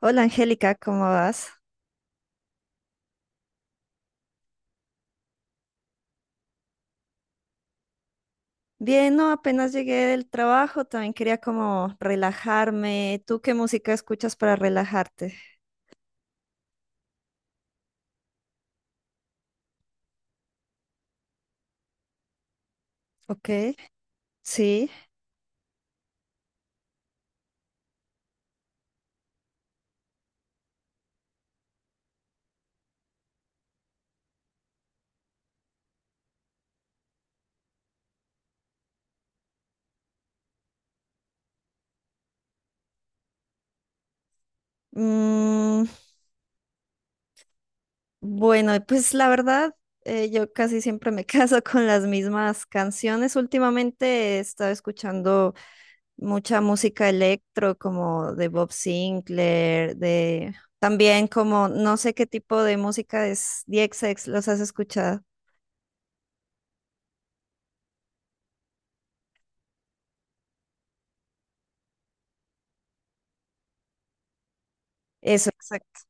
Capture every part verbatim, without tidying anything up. Hola Angélica, ¿cómo vas? Bien, no, apenas llegué del trabajo, también quería como relajarme. ¿Tú qué música escuchas para relajarte? Ok, sí. Mm, bueno, pues la verdad, eh, yo casi siempre me caso con las mismas canciones. Últimamente he estado escuchando mucha música electro, como de Bob Sinclair, de también como no sé qué tipo de música es D X X, ¿los has escuchado? Eso, exacto.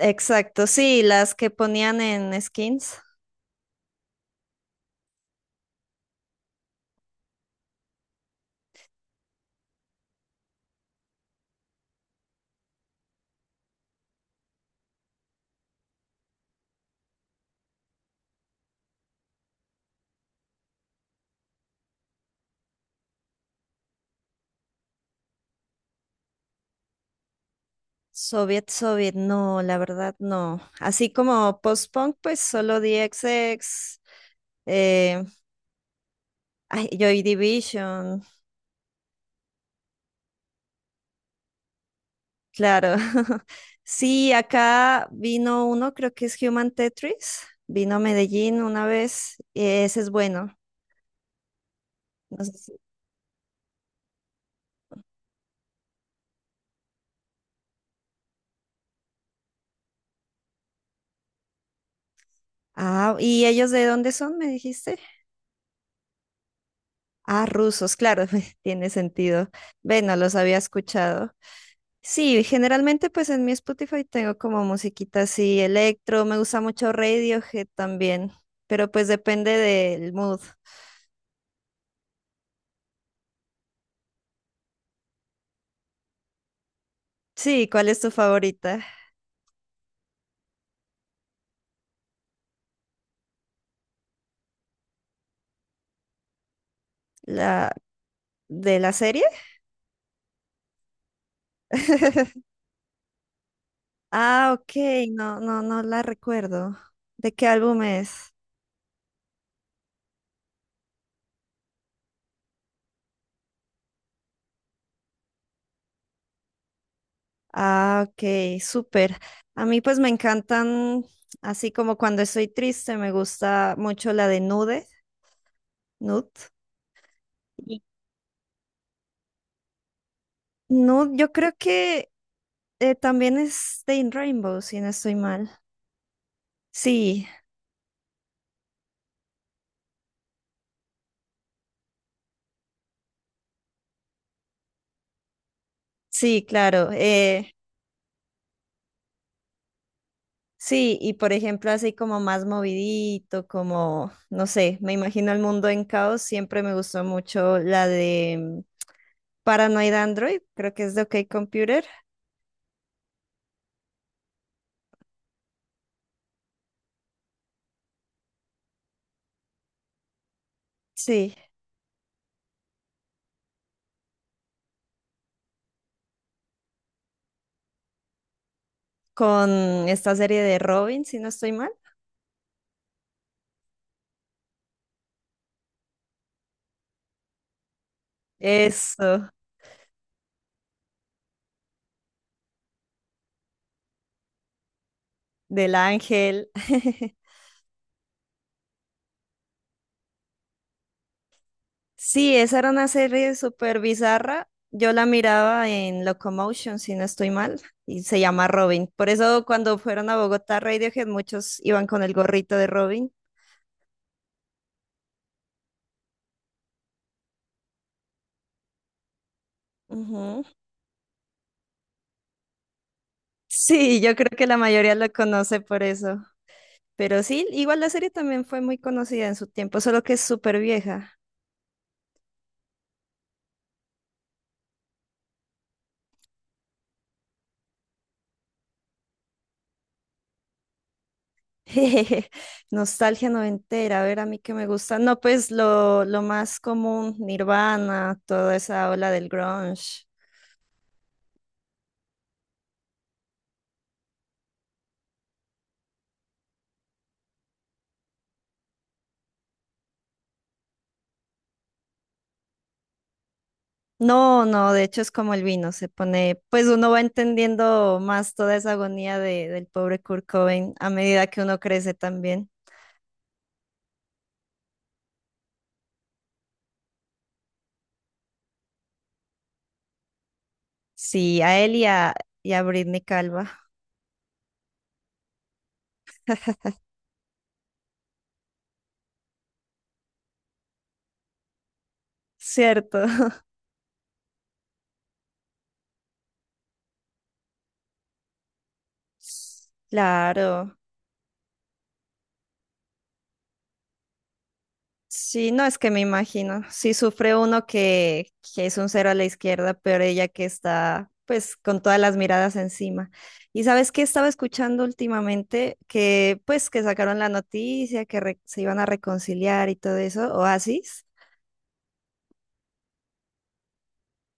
Exacto, sí, las que ponían en skins. Soviet, Soviet, no, la verdad no. Así como post-punk, pues solo D X X. eh, Ay, Joy Division, claro. Sí, acá vino uno, creo que es Human Tetris, vino a Medellín una vez, y ese es bueno. No sé si- Ah, ¿y ellos de dónde son, me dijiste? Ah, rusos, claro, tiene sentido. Ve, no los había escuchado. Sí, generalmente pues en mi Spotify tengo como musiquita así, electro, me gusta mucho Radiohead también, pero pues depende del mood. Sí, ¿cuál es tu favorita? ¿La de la serie? Ah, ok, no, no, no la recuerdo. ¿De qué álbum es? Ah, ok, súper. A mí pues me encantan, así como cuando estoy triste, me gusta mucho la de Nude, Nude. Y Nude, yo creo que Eh, también es de In Rainbow, si no estoy mal. Sí, sí, claro. Eh, sí, y por ejemplo, así como más movidito, como, no sé, me imagino el mundo en caos, siempre me gustó mucho la de mm, Paranoid Android, creo que es de OK Computer. Sí, con esta serie de Robin, si no estoy mal. Eso, del ángel. Sí, esa era una serie súper bizarra. Yo la miraba en Locomotion, si no estoy mal, y se llama Robin. Por eso cuando fueron a Bogotá Radiohead, muchos iban con el gorrito de Robin. Ujú. Sí, yo creo que la mayoría lo conoce por eso. Pero sí, igual la serie también fue muy conocida en su tiempo, solo que es súper vieja. Nostalgia noventera, a ver, a mí que me gusta. No, pues lo, lo más común, Nirvana, toda esa ola del grunge. No, no, de hecho es como el vino, se pone, pues uno va entendiendo más toda esa agonía de, del pobre Kurt Cobain a medida que uno crece también. Sí, a él y a, y a Britney Calva, cierto. Claro. Sí, no es que me imagino. Si sufre uno que, que es un cero a la izquierda, pero ella que está pues con todas las miradas encima. Y sabes qué estaba escuchando últimamente que pues que sacaron la noticia que re- se iban a reconciliar y todo eso, Oasis.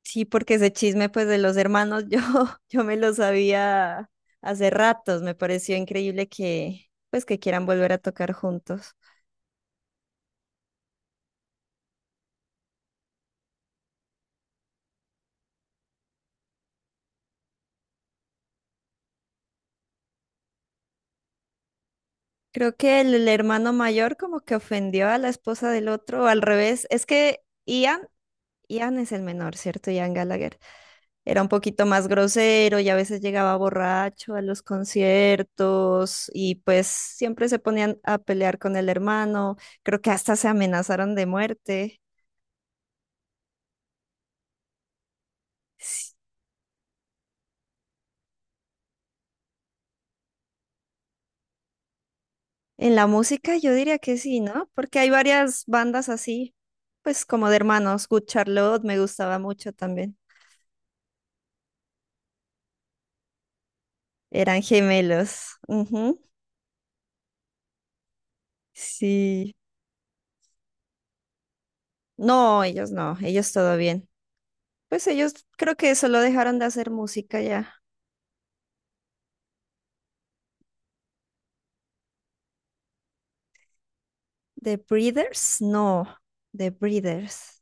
Sí, porque ese chisme pues de los hermanos yo yo me lo sabía hace ratos, me pareció increíble que pues que quieran volver a tocar juntos. Creo que el, el hermano mayor como que ofendió a la esposa del otro, o al revés. Es que Ian, Ian es el menor, ¿cierto? Ian Gallagher. Era un poquito más grosero y a veces llegaba borracho a los conciertos y pues siempre se ponían a pelear con el hermano. Creo que hasta se amenazaron de muerte. Sí. En la música yo diría que sí, ¿no? Porque hay varias bandas así, pues como de hermanos. Good Charlotte me gustaba mucho también. Eran gemelos. Ujú. Sí. No, ellos no, ellos todo bien. Pues ellos creo que solo dejaron de hacer música ya. ¿The Breeders? No, The Breeders.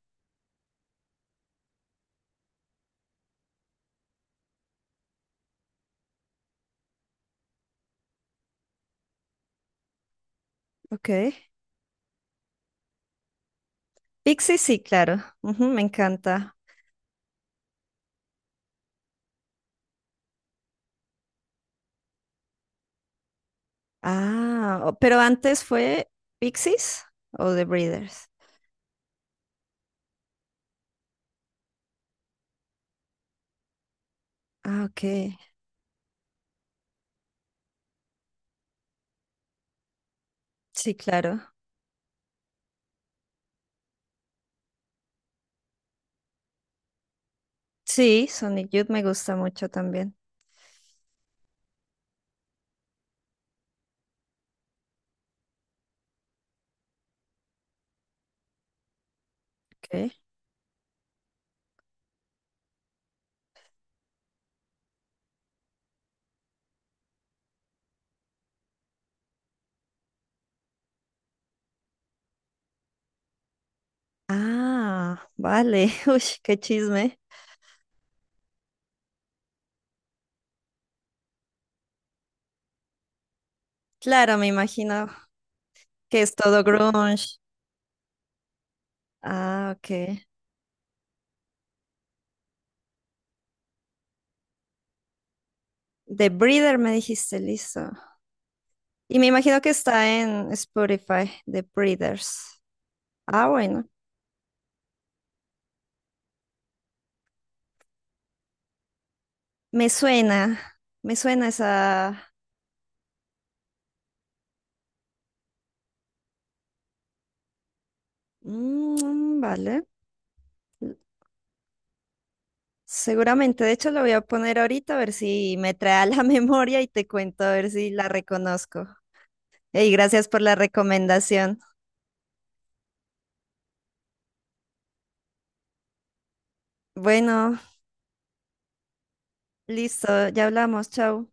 Ok. Pixies, sí, claro. Ujú, me encanta. Ah, o- pero antes fue Pixies o The Breeders. Ah, ok. Sí, claro. Sí, Sonic Youth me gusta mucho también. Ok. Ah, vale. Uy, qué chisme. Claro, me imagino que es todo grunge. Ah, ok. The Breeder, me dijiste, listo. Y me imagino que está en Spotify, The Breeders. Ah, bueno, me suena, me suena esa... Mm, vale. Seguramente, de hecho, lo voy a poner ahorita a ver si me trae a la memoria y te cuento a ver si la reconozco. Y gracias por la recomendación. Bueno, listo, ya hablamos, chao.